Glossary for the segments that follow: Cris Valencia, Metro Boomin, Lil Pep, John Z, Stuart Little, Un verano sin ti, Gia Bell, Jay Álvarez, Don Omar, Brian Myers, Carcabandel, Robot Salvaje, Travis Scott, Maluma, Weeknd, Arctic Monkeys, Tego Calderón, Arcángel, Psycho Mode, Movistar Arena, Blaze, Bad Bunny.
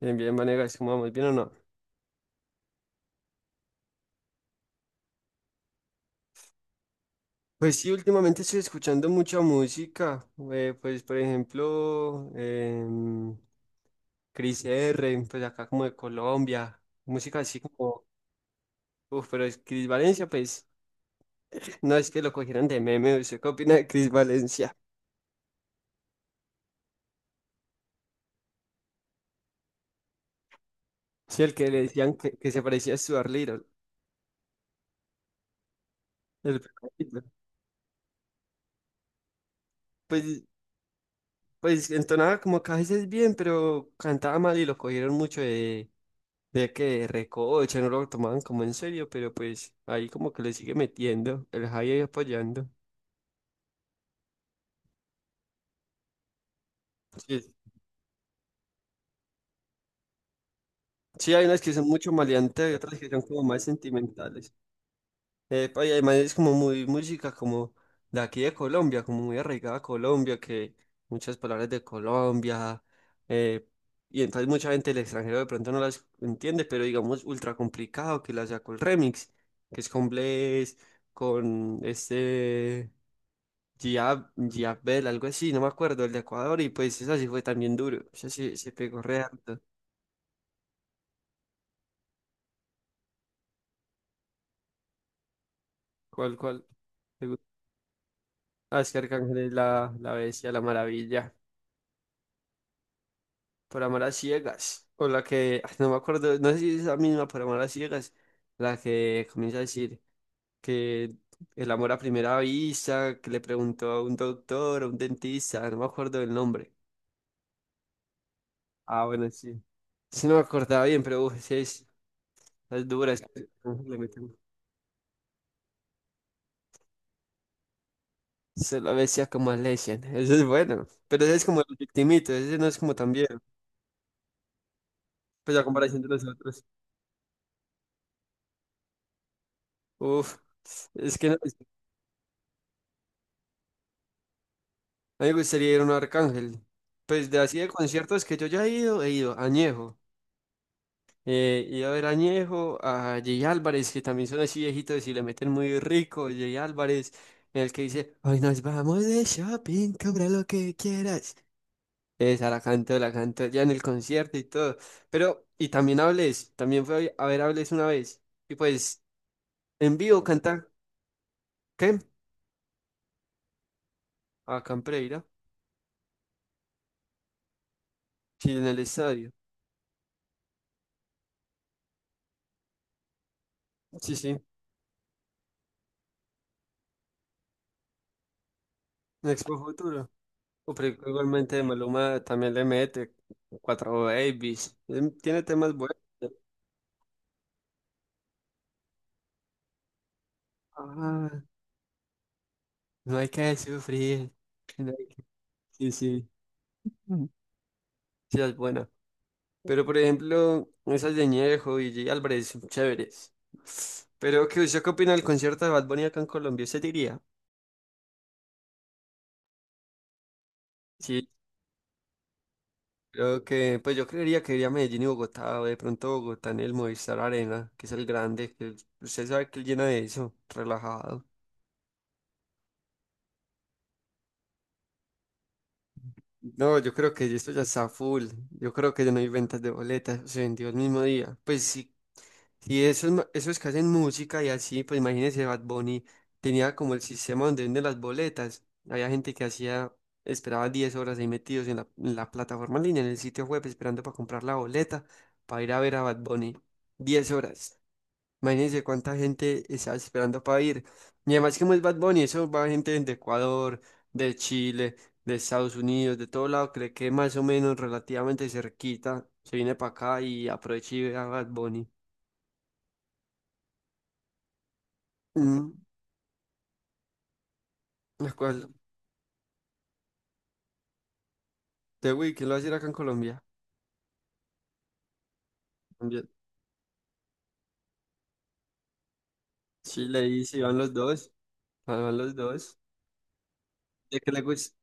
Bien, bien, Vanegas, ¿cómo vamos? ¿Bien o no? Pues sí, últimamente estoy escuchando mucha música. Por ejemplo, Cris R, pues acá como de Colombia. Música así como. Uf, pero es Cris Valencia, pues. No es que lo cogieran de meme. ¿Usted qué opina de Cris Valencia? Sí, el que le decían que se parecía a Stuart Little. El peladito. Pues, pues entonaba como que a veces bien, pero cantaba mal y lo cogieron mucho de. De que recocha, no lo tomaban como en serio, pero pues ahí como que le sigue metiendo, el Jai ahí apoyando. Sí, sí, hay unas que son mucho maleantes y otras que son como más sentimentales. Epa, y además es como muy música como de aquí de Colombia, como muy arraigada a Colombia, que muchas palabras de Colombia, eh, y entonces mucha gente del extranjero de pronto no las entiende, pero digamos ultra complicado que la sacó el remix, que es con Blaze, con este... Gia Bell, algo así, no me acuerdo, el de Ecuador, y pues esa sí fue también duro, esa sí se pegó re harto. ¿Cuál, cuál? te gu- Ah, es que Arcángel es la bestia, la maravilla, por amar a ciegas, o la que, ah, no me acuerdo, no sé si es la misma, por amar a ciegas, la que comienza a decir que el amor a primera vista, que le preguntó a un doctor, a un dentista, no me acuerdo el nombre. Ah, bueno, sí. Sí, no me acordaba bien, pero uf, sí es dura, que le mete. Se lo decía como a Legend. Ese es bueno. Pero ese es como el victimito. Ese no es como tan viejo. Pues a comparación de los otros. Uf. Es que no- es- A mí me gustaría ir a un Arcángel. Pues de así de conciertos que yo ya he ido a Añejo. He ido a ver a Añejo, a Jay Álvarez, que también son así viejitos y le meten muy rico. Jay Álvarez, en el que dice: Hoy nos vamos de shopping, compra lo que quieras. Esa la canto ya en el concierto y todo. Pero, y también hables, también fue a ver hables una vez. Y pues, en vivo canta, ¿qué? A Campreira, sí, en el estadio. Sí, sí, en Expo Futuro. O pero igualmente de Maluma también le mete cuatro babies. Tiene temas buenos. Ah, no hay que sufrir. No hay- Sí, sí, ujú. Sí, es buena. Pero por ejemplo, esas de Ñejo y J. Álvarez son chéveres. Pero ¿qué usted qué opina del concierto de Bad Bunny acá en Colombia? ¿Usted diría? Sí, creo que, pues yo creería que iría a Medellín y Bogotá, o de pronto Bogotá en el Movistar Arena, que es el grande, usted sabe que él llena de eso, relajado. No, yo creo que esto ya está full. Yo creo que ya no hay ventas de boletas, se vendió el mismo día. Pues sí, y esos, esos que hacen música y así, pues imagínense, Bad Bunny tenía como el sistema donde venden las boletas. Había gente que hacía, esperaba 10 horas ahí metidos en la plataforma en línea, en el sitio web, esperando para comprar la boleta, para ir a ver a Bad Bunny. 10 horas. Imagínense cuánta gente estaba esperando para ir. Y además, como es Bad Bunny, eso va gente de Ecuador, de Chile, de Estados Unidos, de todo lado, cree que más o menos relativamente cerquita, se viene para acá y aprovecha y ve a Bad Bunny. Mm. Me acuerdo. ¿De Wii, lo va a decir acá en Colombia? También. Chile y si van los dos. Van los dos. Desde que le guste,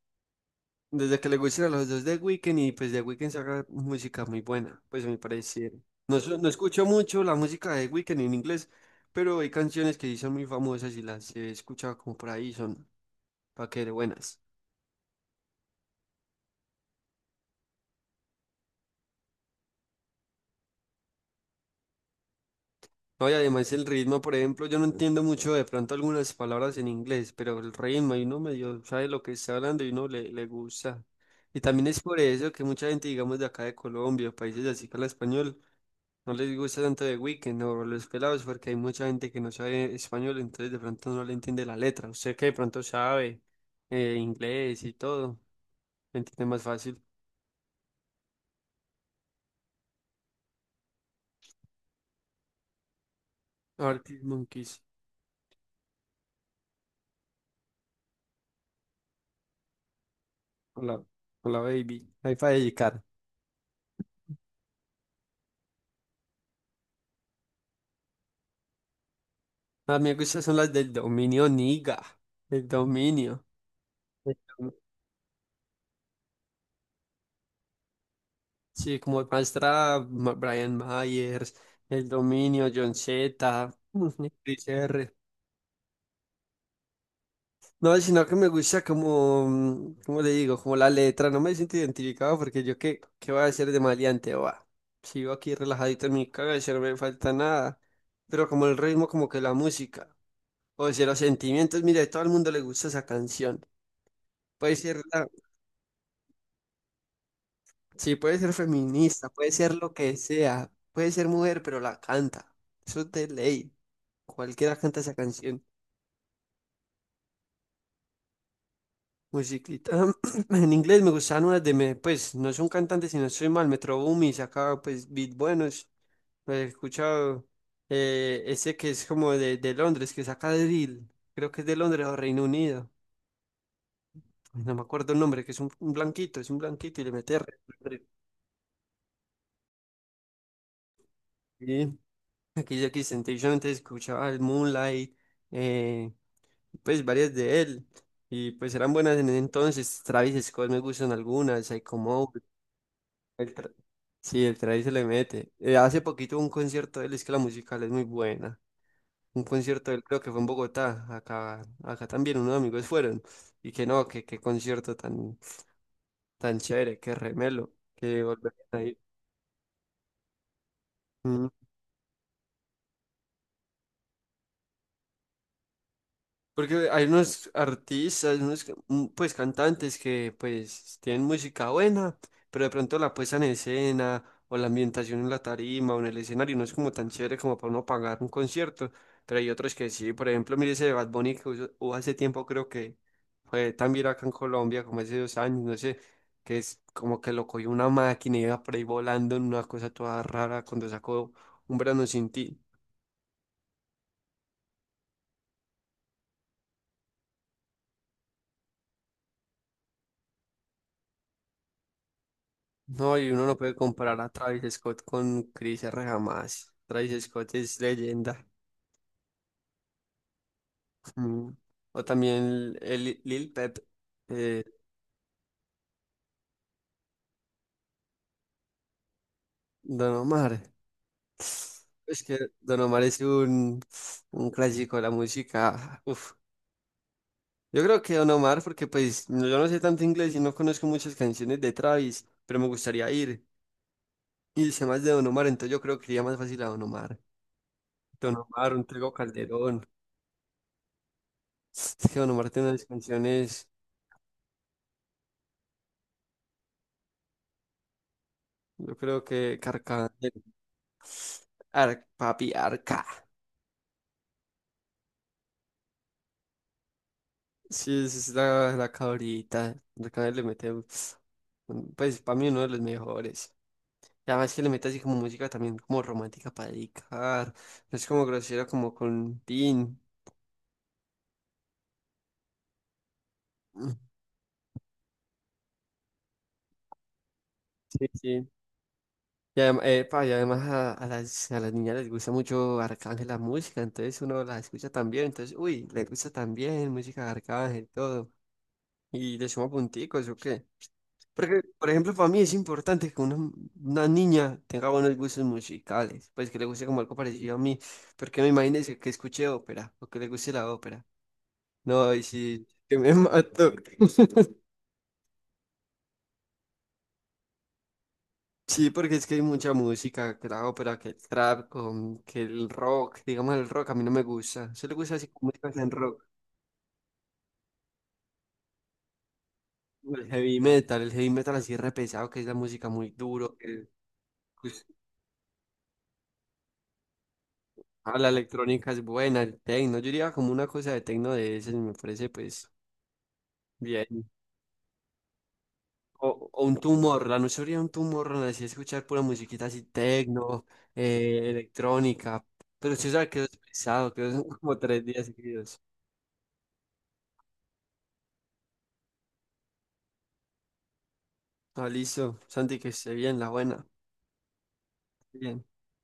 desde que le gusten a los dos de Weeknd y pues de Weeknd saca música muy buena, pues a mi parecer. No, no escucho mucho la música de Weeknd en inglés, pero hay canciones que sí son muy famosas y las he escuchado como por ahí, son pa' que de buenas. No, y además el ritmo, por ejemplo, yo no entiendo mucho de pronto algunas palabras en inglés, pero el ritmo, y uno medio sabe lo que está hablando y uno le, le gusta. Y también es por eso que mucha gente, digamos, de acá de Colombia, países así que habla español, no les gusta tanto de Weekend o los pelados, porque hay mucha gente que no sabe español, entonces de pronto no le entiende la letra. Usted que de pronto sabe inglés y todo, entiende más fácil. Arctic Monkeys. Hola, hola baby. Hay para dedicar. A mí me gustan son las del dominio Niga, el dominio. El dom- Sí, como Brian Myers, el dominio John Z, mm, Chris R. No, sino que me gusta como, mm, ¿cómo le digo? Como la letra, no me siento identificado porque yo qué, qué voy a hacer de maleante, va. Sigo aquí relajadito en mi cabeza, no me falta nada. Pero como el ritmo, como que la música, o sea, los sentimientos, mire, a todo el mundo le gusta esa canción. Puede ser la- Sí, puede ser feminista, puede ser lo que sea, puede ser mujer, pero la canta. Eso es de ley. Cualquiera canta esa canción. Musiclita. En inglés me gustaban unas de, pues, no son cantantes, si no soy mal, Metro Boomin sacaba, pues, beat buenos. Lo he escuchado. Ese que es como de Londres, que saca drill. Creo que es de Londres o Reino Unido. No me acuerdo el nombre, que es un blanquito, es un blanquito y le mete. Drill. Sí. Aquí, aquí, Temptation, antes escuchaba el Moonlight. eh, pues varias de él y pues eran buenas en ese entonces. Travis Scott me gustan algunas, Psycho Mode, el tra- sí, el Travis se le mete. Hace poquito un concierto de él, es que la musical es muy buena. Un concierto de él creo que fue en Bogotá, acá también unos amigos fueron y que no, que qué concierto tan, tan chévere, que remelo, que volverían a ir. Porque hay unos artistas, mm, pues cantantes que pues tienen música buena, pero de pronto la puesta en escena o la ambientación en la tarima o en el escenario no es como tan chévere como para uno pagar un concierto. Pero hay otros que sí, por ejemplo, mire ese de Bad Bunny que hubo hace tiempo creo que fue también acá en Colombia como hace 2 años, no sé, que es como que lo cogió una máquina y iba por ahí volando en una cosa toda rara cuando sacó Un verano sin ti. No, y uno no puede comparar a Travis Scott con Chris R. jamás. Travis Scott es leyenda. Mm. O también el Lil Pep, eh, Don Omar. Es que Don Omar es un clásico de la música. Uf. Yo creo que Don Omar, porque pues no- yo no sé tanto inglés y no conozco muchas canciones de Travis, pero me gustaría ir. Y sé más de Don Omar, entonces yo creo que iría más fácil a Don Omar. Don Omar, un Tego Calderón. Es que Don Omar tiene unas canciones. Yo creo que Carcabandel. Ar, papi, Arca. Sí, esa es la, la cabrita. Arcángel le mete, pues para mí uno de los mejores. Y además que le mete así como música también como romántica para dedicar. No es como grosero como con Tin. Mm, sí, sí. Y epa, y además, a, a las niñas les gusta mucho Arcángel la música, entonces uno la escucha también. Entonces, uy, le gusta también música de Arcángel, todo. Y le suma punticos, ¿o qué? Porque, por ejemplo, para mí es importante que una niña tenga buenos gustos musicales, pues que le guste como algo parecido a mí, porque me imagínese que escuche ópera o que le guste la ópera. No, y sí, que me mato. Sí, porque es que hay mucha música, que la ópera, que el trap, que el rock, digamos el rock, a mí no me gusta. Se le gusta así como música en rock, el heavy metal así re pesado, que es la música muy duro, que pues, ah, la electrónica es buena, el techno, yo diría como una cosa de techno de ese, me parece pues bien. O un tumor, la noche sería un tumor, así escuchar pura musiquita así, tecno, electrónica. Pero si sabes que es pesado, que son como 3 días seguidos. Ah, listo. Santi, que esté bien, la buena. Bien.